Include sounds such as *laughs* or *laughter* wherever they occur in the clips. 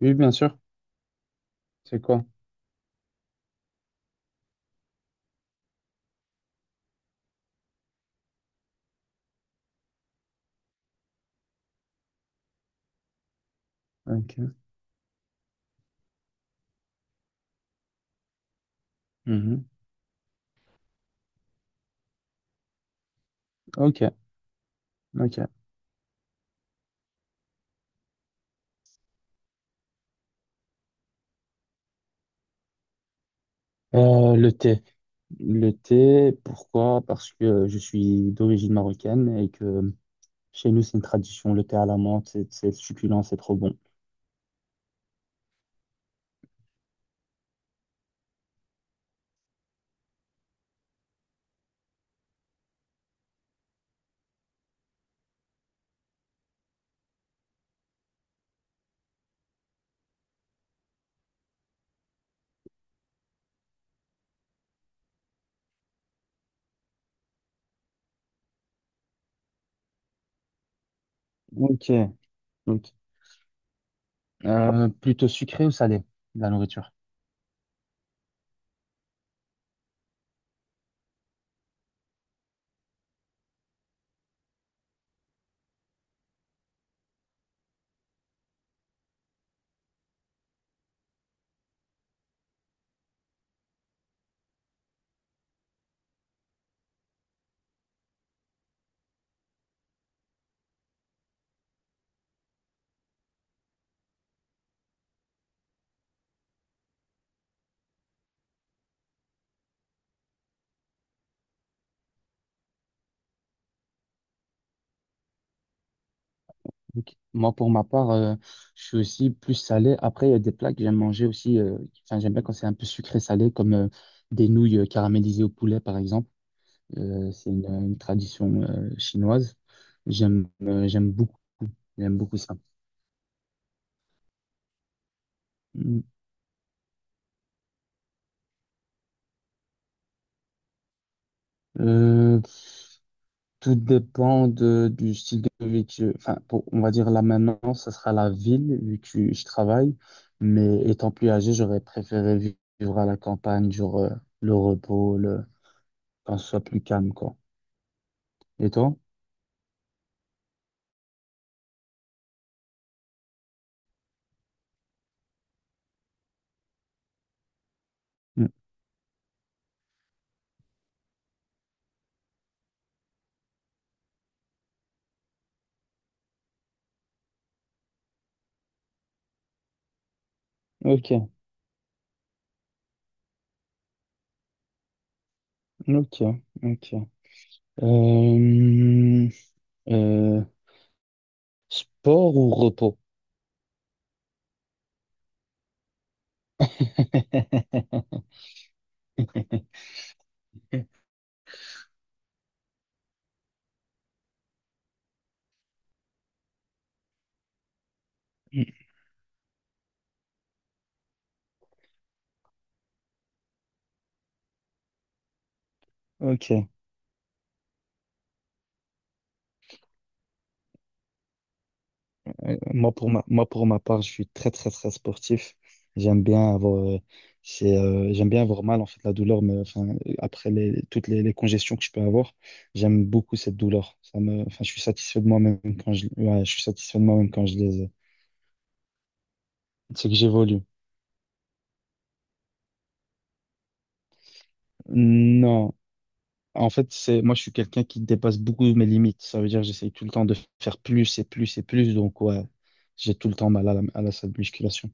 Oui, bien sûr. C'est quoi? Ok. Mhm. Ok. Ok. Le thé. Le thé, pourquoi? Parce que je suis d'origine marocaine et que chez nous, c'est une tradition. Le thé à la menthe, c'est succulent, c'est trop bon. Ok. Ok. Plutôt sucré ou salé, la nourriture? Ok. Moi, pour ma part, je suis aussi plus salé. Après, il y a des plats que j'aime manger aussi. Enfin, j'aime bien quand c'est un peu sucré-salé, comme des nouilles caramélisées au poulet, par exemple. C'est une tradition chinoise. J'aime euh, j'aime beaucoup, j'aime beaucoup ça. Mm. Euh, tout dépend de, du style de vie que, enfin, on va dire là maintenant, ça sera la ville vu que je travaille. Mais étant plus âgé, j'aurais préféré vivre à la campagne, le repos, le, quand ce soit plus calme, quoi. Et toi? Mm. Ok, ok, ok. Euh, euh, sport ou repos? *laughs* Ok. Moi pour ma part, je suis très très très sportif. J'aime bien avoir, euh, j'aime bien avoir mal en fait la douleur, mais après les, toutes les congestions que je peux avoir, j'aime beaucoup cette douleur. Ça me, enfin je suis satisfait de moi-même quand je, ouais, je suis satisfait de moi-même quand je les, ai. C'est que j'évolue. Non, en fait c'est, moi je suis quelqu'un qui dépasse beaucoup mes limites. Ça veut dire que j'essaye tout le temps de faire plus et plus et plus. Donc ouais, j'ai tout le temps mal à la salle de musculation.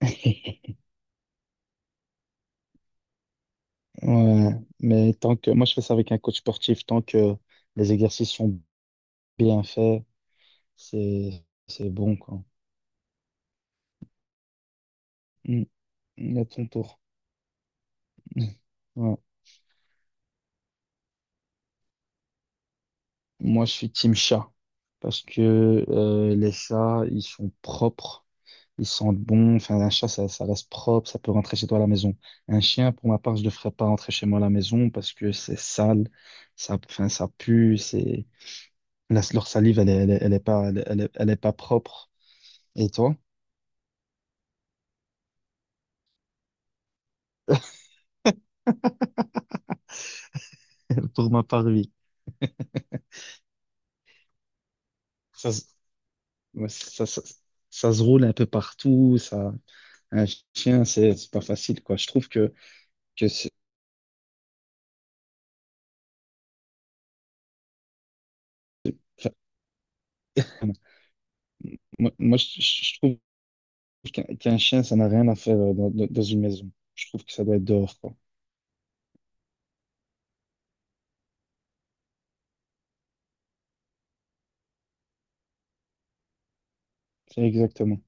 *laughs* Ouais, mais tant que moi je fais ça avec un coach sportif, tant que les exercices sont bien faits, c'est bon quoi. Mm, mm, à ton tour. *laughs* Mm. Ouais. Moi je suis team chat parce que les chats ils sont propres, ils sentent bon. Enfin un chat ça, ça reste propre, ça peut rentrer chez toi à la maison. Un chien pour ma part je le ferais pas rentrer chez moi à la maison parce que c'est sale, ça enfin ça pue, c'est leur salive elle est, elle est, elle est pas elle est elle est elle est pas propre. Et toi? *laughs* Pour ma part, oui. Ça, se- ouais, ça se roule un peu partout. Ça, un chien, c'est pas facile, quoi. Je trouve que c'est- enfin, moi, moi, je trouve qu'un chien, ça n'a rien à faire dans une maison. Je trouve que ça doit être dehors, quoi. C'est exactement.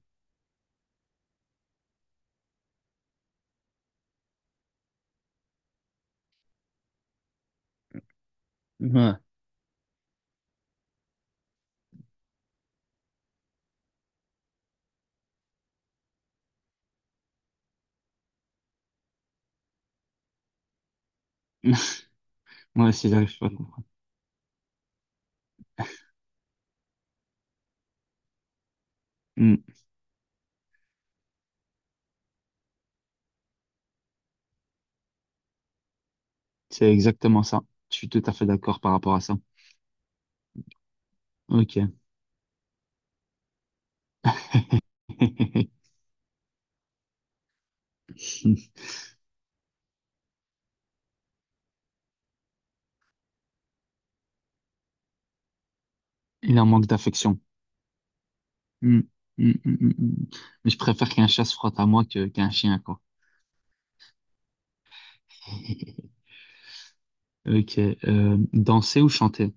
Ouais. *laughs* Ouais, c'est j'arrive pas à comprendre. Hmm. C'est exactement ça. Je suis tout à fait d'accord par rapport à ça. Ok. *laughs* Il en manque d'affection. Mm, mm, mm, mm, mm. Mais je préfère qu'un chat se frotte à moi que qu'un chien, quoi. *laughs* Ok. Danser ou chanter?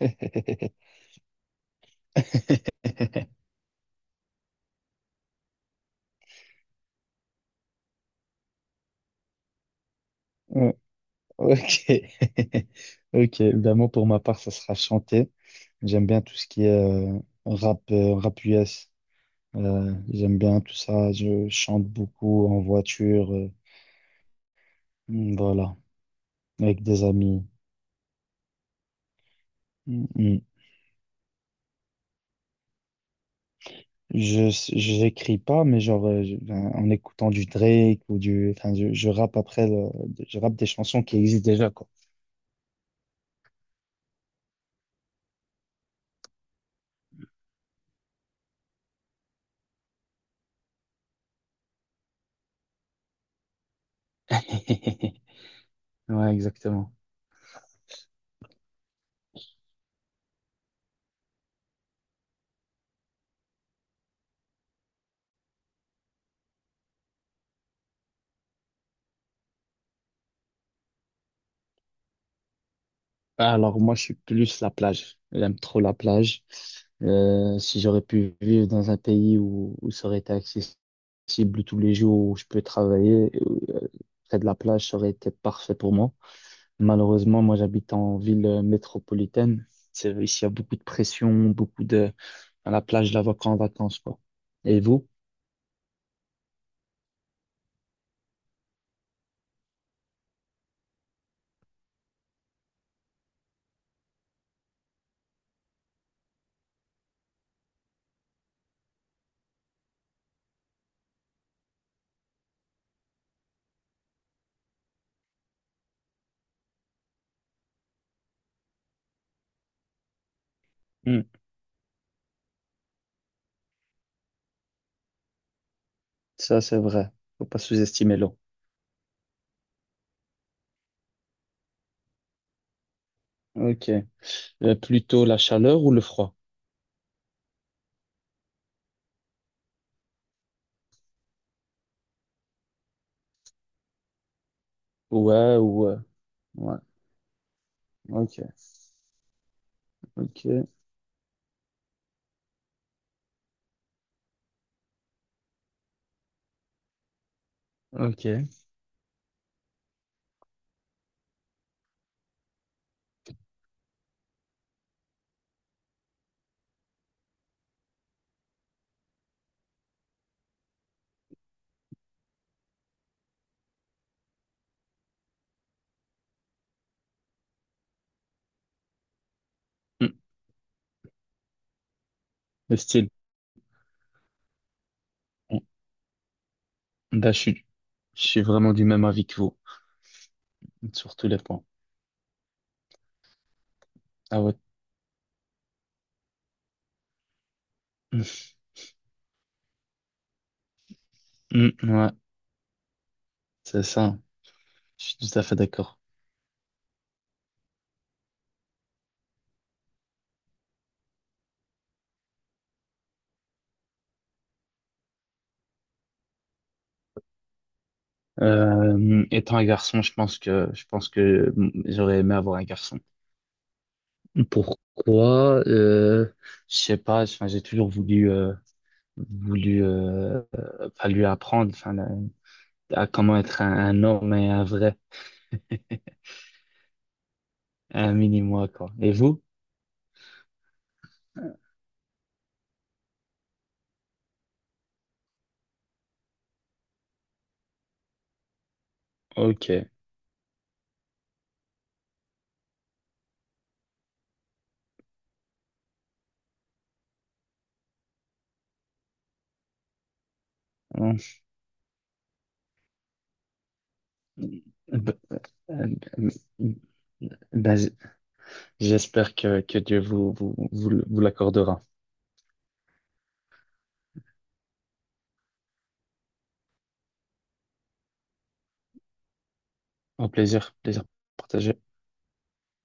*laughs* Ouais, Ok. *laughs* Ok. Ben moi, pour ma part, ça sera chanter. J'aime bien tout ce qui est rap, rap US. J'aime bien tout ça. Je chante beaucoup en voiture. Voilà. Avec des amis. Mm, mm. Je j'écris pas, mais ben, en écoutant du Drake ou du, enfin je rappe après, je rappe des chansons qui existent déjà quoi. *laughs* Ouais, exactement. Alors moi je suis plus la plage. J'aime trop la plage. Si j'aurais pu vivre dans un pays où, où ça aurait été accessible tous les jours, où je peux travailler, euh, près de la plage, ça aurait été parfait pour moi. Malheureusement, moi j'habite en ville métropolitaine. C'est, ici il y a beaucoup de pression, beaucoup de. À la plage, je la vois qu'en vacances, quoi. Et vous? Hmm. Ça, c'est vrai. Faut pas sous-estimer l'eau. Ok. Plutôt la chaleur ou le froid? Ouais, ou... euh, Ouais. Ok. Ok. Ok. Hmm. Le style. Hmm. Bah, je suis vraiment du même avis que vous. Sur tous les points. Ah ouais. Hmm, hmm. Ouais, c'est ça. Je suis tout à fait d'accord. Étant un garçon, je pense que j'aurais aimé avoir un garçon. Pourquoi? Je sais pas. Enfin, j'ai toujours voulu. Enfin, lui apprendre enfin, à comment être un homme et un vrai, un mini-moi, quoi. Et vous? Ok. Hum. B- euh, ben, j'espère que Dieu vous l'accordera. Au plaisir, plaisir partagé.